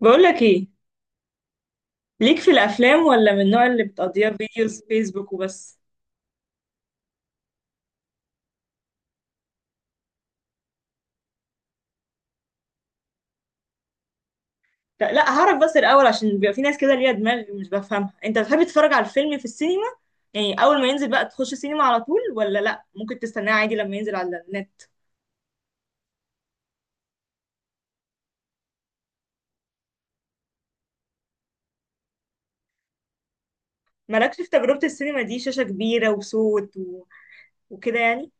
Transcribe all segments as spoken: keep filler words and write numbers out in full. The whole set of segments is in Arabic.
بقولك ايه؟ ليك في الافلام ولا من النوع اللي بتقضيها فيديوز فيسبوك وبس؟ لا لا، هعرف بس الاول، عشان بيبقى في ناس كده ليها دماغ مش بفهمها. انت بتحب تتفرج على الفيلم في السينما؟ يعني اول ما ينزل بقى تخش السينما على طول، ولا لا، ممكن تستناه عادي لما ينزل على النت؟ مالكش في تجربة السينما دي، شاشة كبيرة وصوت و... وكده يعني.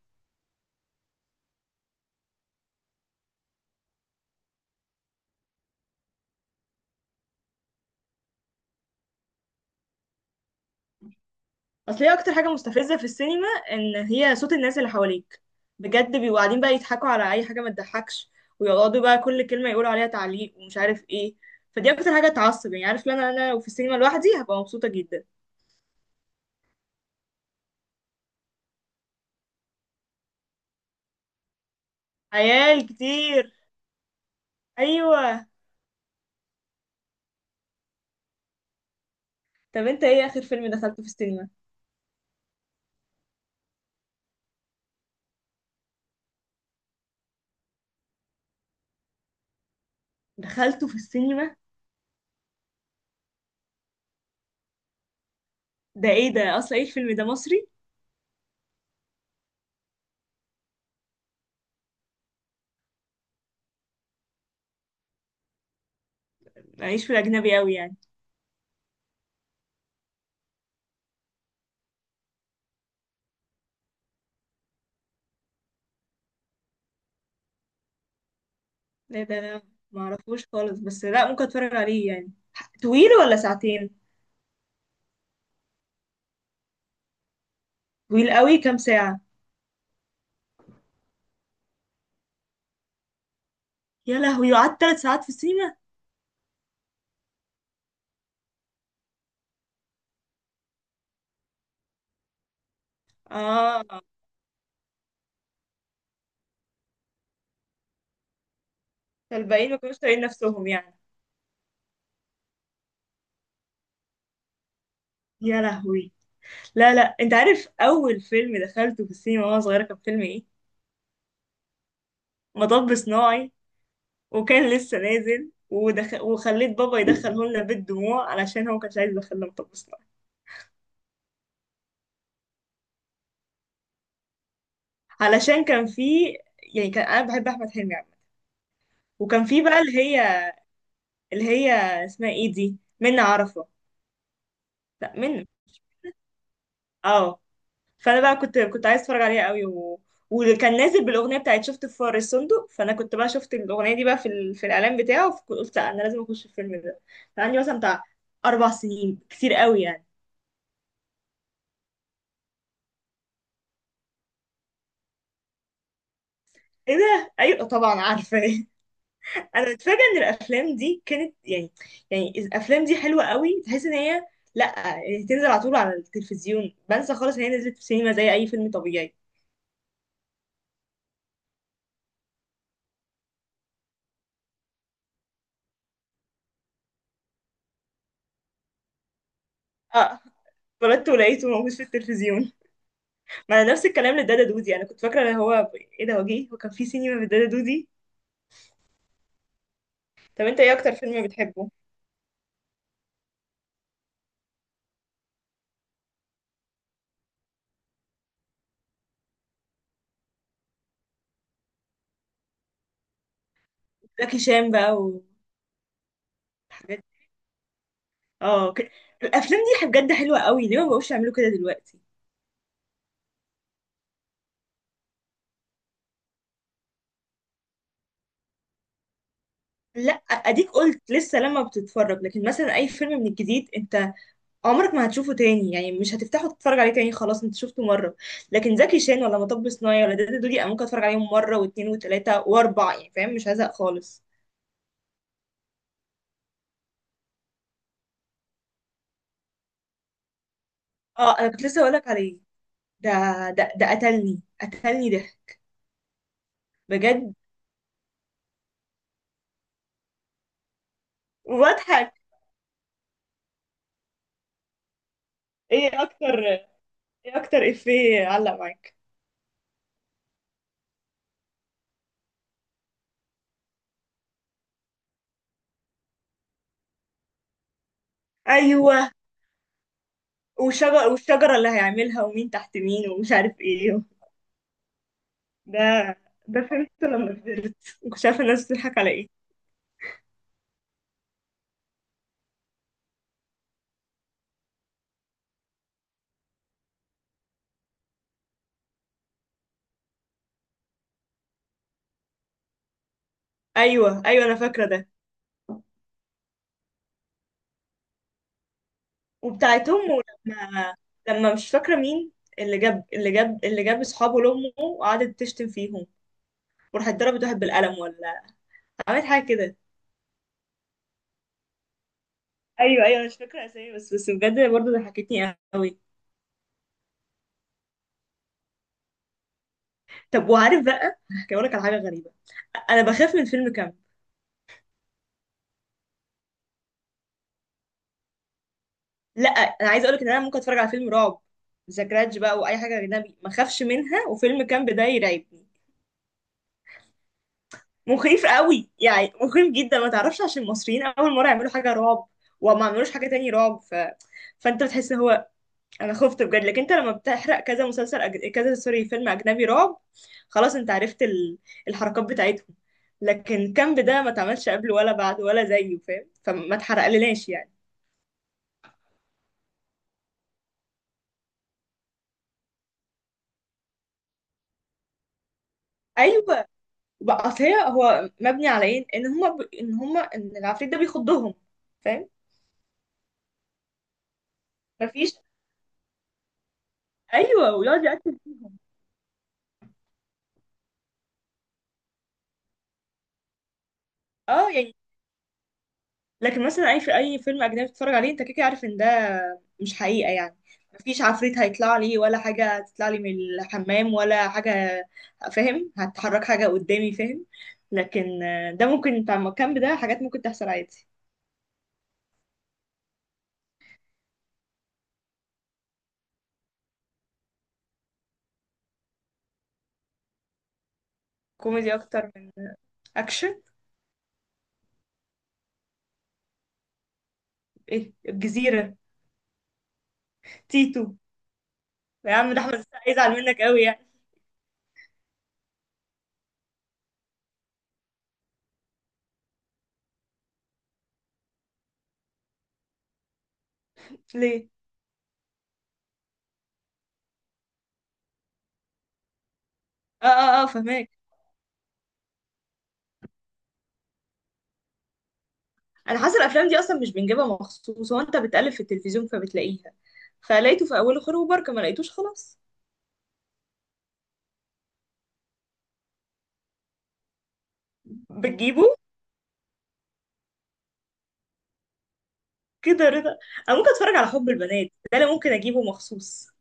اصل هي اكتر حاجه مستفزه في السينما ان هي صوت الناس اللي حواليك، بجد بيبقوا قاعدين بقى يضحكوا على اي حاجه ما تضحكش، ويقعدوا بقى كل كلمه يقولوا عليها تعليق ومش عارف ايه. فدي اكتر حاجه تعصب، يعني عارف، لو انا انا لو في السينما لوحدي هبقى مبسوطه جدا. عيال كتير. ايوه. طب انت ايه اخر فيلم دخلته في السينما؟ دخلته في السينما؟ ده ايه ده اصلا، ايه الفيلم ده، مصري؟ معيش في الاجنبي قوي يعني. لا ده انا معرفوش خالص، بس لا ممكن اتفرج عليه يعني. طويل ولا ساعتين؟ طويل قوي، كام ساعه؟ يا لهوي، وقعدت ثلاث ساعات في سينا؟ اه. فالباقيين ما كانوش طايقين نفسهم يعني؟ يا لهوي. لا لا، انت عارف اول فيلم دخلته في السينما وانا صغيره كان فيلم ايه؟ مطب صناعي. وكان لسه نازل ودخ... وخليت بابا يدخله لنا بالدموع، علشان هو كانش عايز يدخلنا مطب صناعي. علشان كان في، يعني كان انا بحب احمد حلمي عامه. وكان في بقى اللي هي اللي هي اسمها ايه دي، منى عرفه. لا منى. اه. فانا بقى كنت كنت عايز اتفرج عليها قوي و... وكان نازل بالاغنيه بتاعت شفت في فار الصندوق، فانا كنت بقى شفت الاغنيه دي بقى في ال... في الاعلان بتاعه، فقلت لا، انا لازم اخش الفيلم ده. كان عندي مثلا بتاع اربع سنين، كتير قوي يعني. ايه ده، ايوه طبعا عارفه انا متفاجئه ان الافلام دي كانت يعني، يعني الافلام دي حلوه قوي، تحس ان هي، لا يعني تنزل على طول على التلفزيون، بنسى خالص ان هي نزلت في السينما زي اي فيلم طبيعي. اه. اتولدت ولقيته موجود في التلفزيون. ما انا نفس الكلام لدادا دودي، انا كنت فاكره ان هو ب- ايه ده، هو جه، هو كان في سينما في دادا دودي؟ طب انت ايه اكتر فيلم بتحبه؟ زكي شان بقى. وحاجات. اه ك... الافلام دي بجد حلوه قوي، ليه ما بقوش يعملوا كده دلوقتي؟ لا اديك قلت لسه لما بتتفرج، لكن مثلا اي فيلم من الجديد انت عمرك ما هتشوفه تاني، يعني مش هتفتحه تتفرج عليه تاني، خلاص انت شفته مره. لكن زكي شان ولا مطب صناعي ولا دادا دودي انا ممكن اتفرج عليهم مره واتنين وتلاته واربعه، يعني فاهم، مش هزهق خالص. اه، انا كنت لسه هقولك عليه. ده ده ده قتلني قتلني ده بجد. وبضحك. ايه اكتر ايه اكتر افيه علق معاك؟ ايوه، وشجر والشجره اللي هيعملها ومين تحت مين ومش عارف ايه. ده، ده فهمته لما كبرت، مش عارفه الناس بتضحك على ايه. ايوه ايوه، انا فاكره ده. وبتاعت امه، لما لما مش فاكره مين اللي جاب اللي جاب اللي جاب اصحابه لامه، وقعدت تشتم فيهم، وراحت ضربت واحد بالقلم ولا عملت حاجه كده. ايوه ايوه، أنا مش فاكره اسامي، بس بس بجد برضه ضحكتني قوي. طب وعارف بقى، هحكي لك على حاجه غريبه. انا بخاف من فيلم كامب. لا انا عايزه اقول لك ان انا ممكن اتفرج على فيلم رعب ذا جراج بقى، واي حاجه اجنبي ما اخافش منها، وفيلم كامب ده يرعبني. مخيف قوي يعني، مخيف جدا، ما تعرفش عشان المصريين اول مره يعملوا حاجه رعب، وما عملوش حاجه تاني رعب ف... فانت بتحس إن هو، انا خفت بجد. لكن انت لما بتحرق كذا مسلسل أج... كذا سوري فيلم اجنبي رعب، خلاص انت عرفت ال... الحركات بتاعتهم. لكن كامب ده ما اتعملش قبله ولا بعده ولا زيه فاهم، فما اتحرقلناش يعني. ايوه بقى، اصل هي، هو مبني على ايه، ان هما ب... ان هما ان العفريت ده بيخضهم، فاهم؟ مفيش. ايوه، ويقعد يقتل. اه يعني. لكن مثلا اي في اي فيلم اجنبي تتفرج عليه انت كده كده عارف ان ده مش حقيقه يعني. مفيش عفريت هيطلع لي ولا حاجه هتطلع لي من الحمام ولا حاجه، فاهم، هتحرك حاجه قدامي، فاهم. لكن آه، ده ممكن بتاع الكامب ده حاجات ممكن تحصل عادي. كوميدي اكتر من اكشن. ايه الجزيره. تيتو. يا عم ده احمد السقا يزعل منك قوي يعني. ليه؟ اه اه اه، فهماك. انا حاسه الافلام دي اصلا مش بنجيبها مخصوص، هو انت بتقلب في التلفزيون فبتلاقيها، فلقيته في اوله خير وبركه، ما لقيتوش خلاص. بتجيبه. كده رضا. انا ممكن اتفرج على حب البنات، ده انا ممكن اجيبه مخصوص.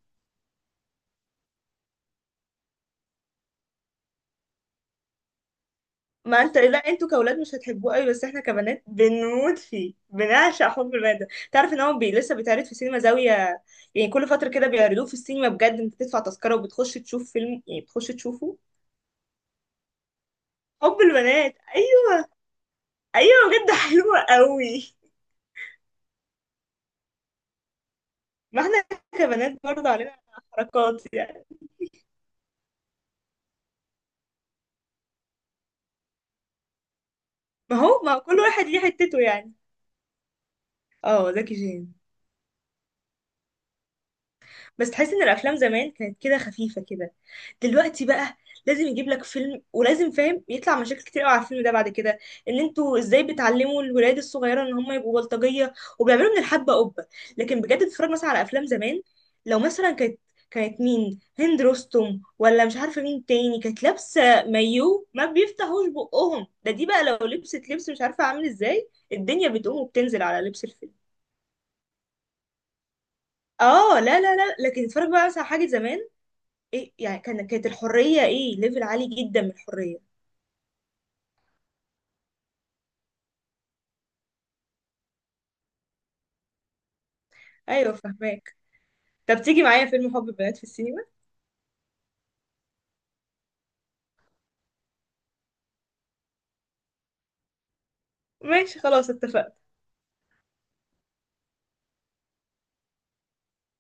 ما انت لا انتوا كاولاد مش هتحبوه قوي، بس احنا كبنات بنموت فيه، بنعشق حب البنات ده، تعرف ان هو بي لسه بيتعرض في سينما زاويه، يعني كل فتره كده بيعرضوه في السينما بجد، انت تدفع تذكره وبتخش تشوف فيلم، يعني بتخش تشوفه. حب البنات، ايوه. ايوه بجد حلوه قوي. ما احنا كبنات برضه علينا حركات يعني. ما هو ما هو كل واحد ليه حتته يعني. اه زكي شان. بس تحس ان الافلام زمان كانت كده خفيفه كده، دلوقتي بقى لازم يجيب لك فيلم، ولازم فاهم يطلع مشاكل كتير قوي على الفيلم ده بعد كده، ان انتوا ازاي بتعلموا الولاد الصغيره ان هم يبقوا بلطجيه، وبيعملوا من الحبه قبه. لكن بجد تتفرج مثلا على افلام زمان، لو مثلا كانت كانت مين، هند رستم ولا مش عارفه مين تاني، كانت لابسه مايو ما بيفتحوش بقهم، ده دي بقى لو لبست لبس مش عارفه عامل ازاي الدنيا بتقوم وبتنزل على لبس الفيلم. اه لا لا لا، لكن تتفرج بقى مثلا على حاجه زمان. ايه يعني، كان كانت الحريه ايه، ليفل عالي جدا من الحريه. ايوه، فهماك. طب تيجي معايا فيلم حب بنات في السينما؟ ماشي خلاص، اتفقنا.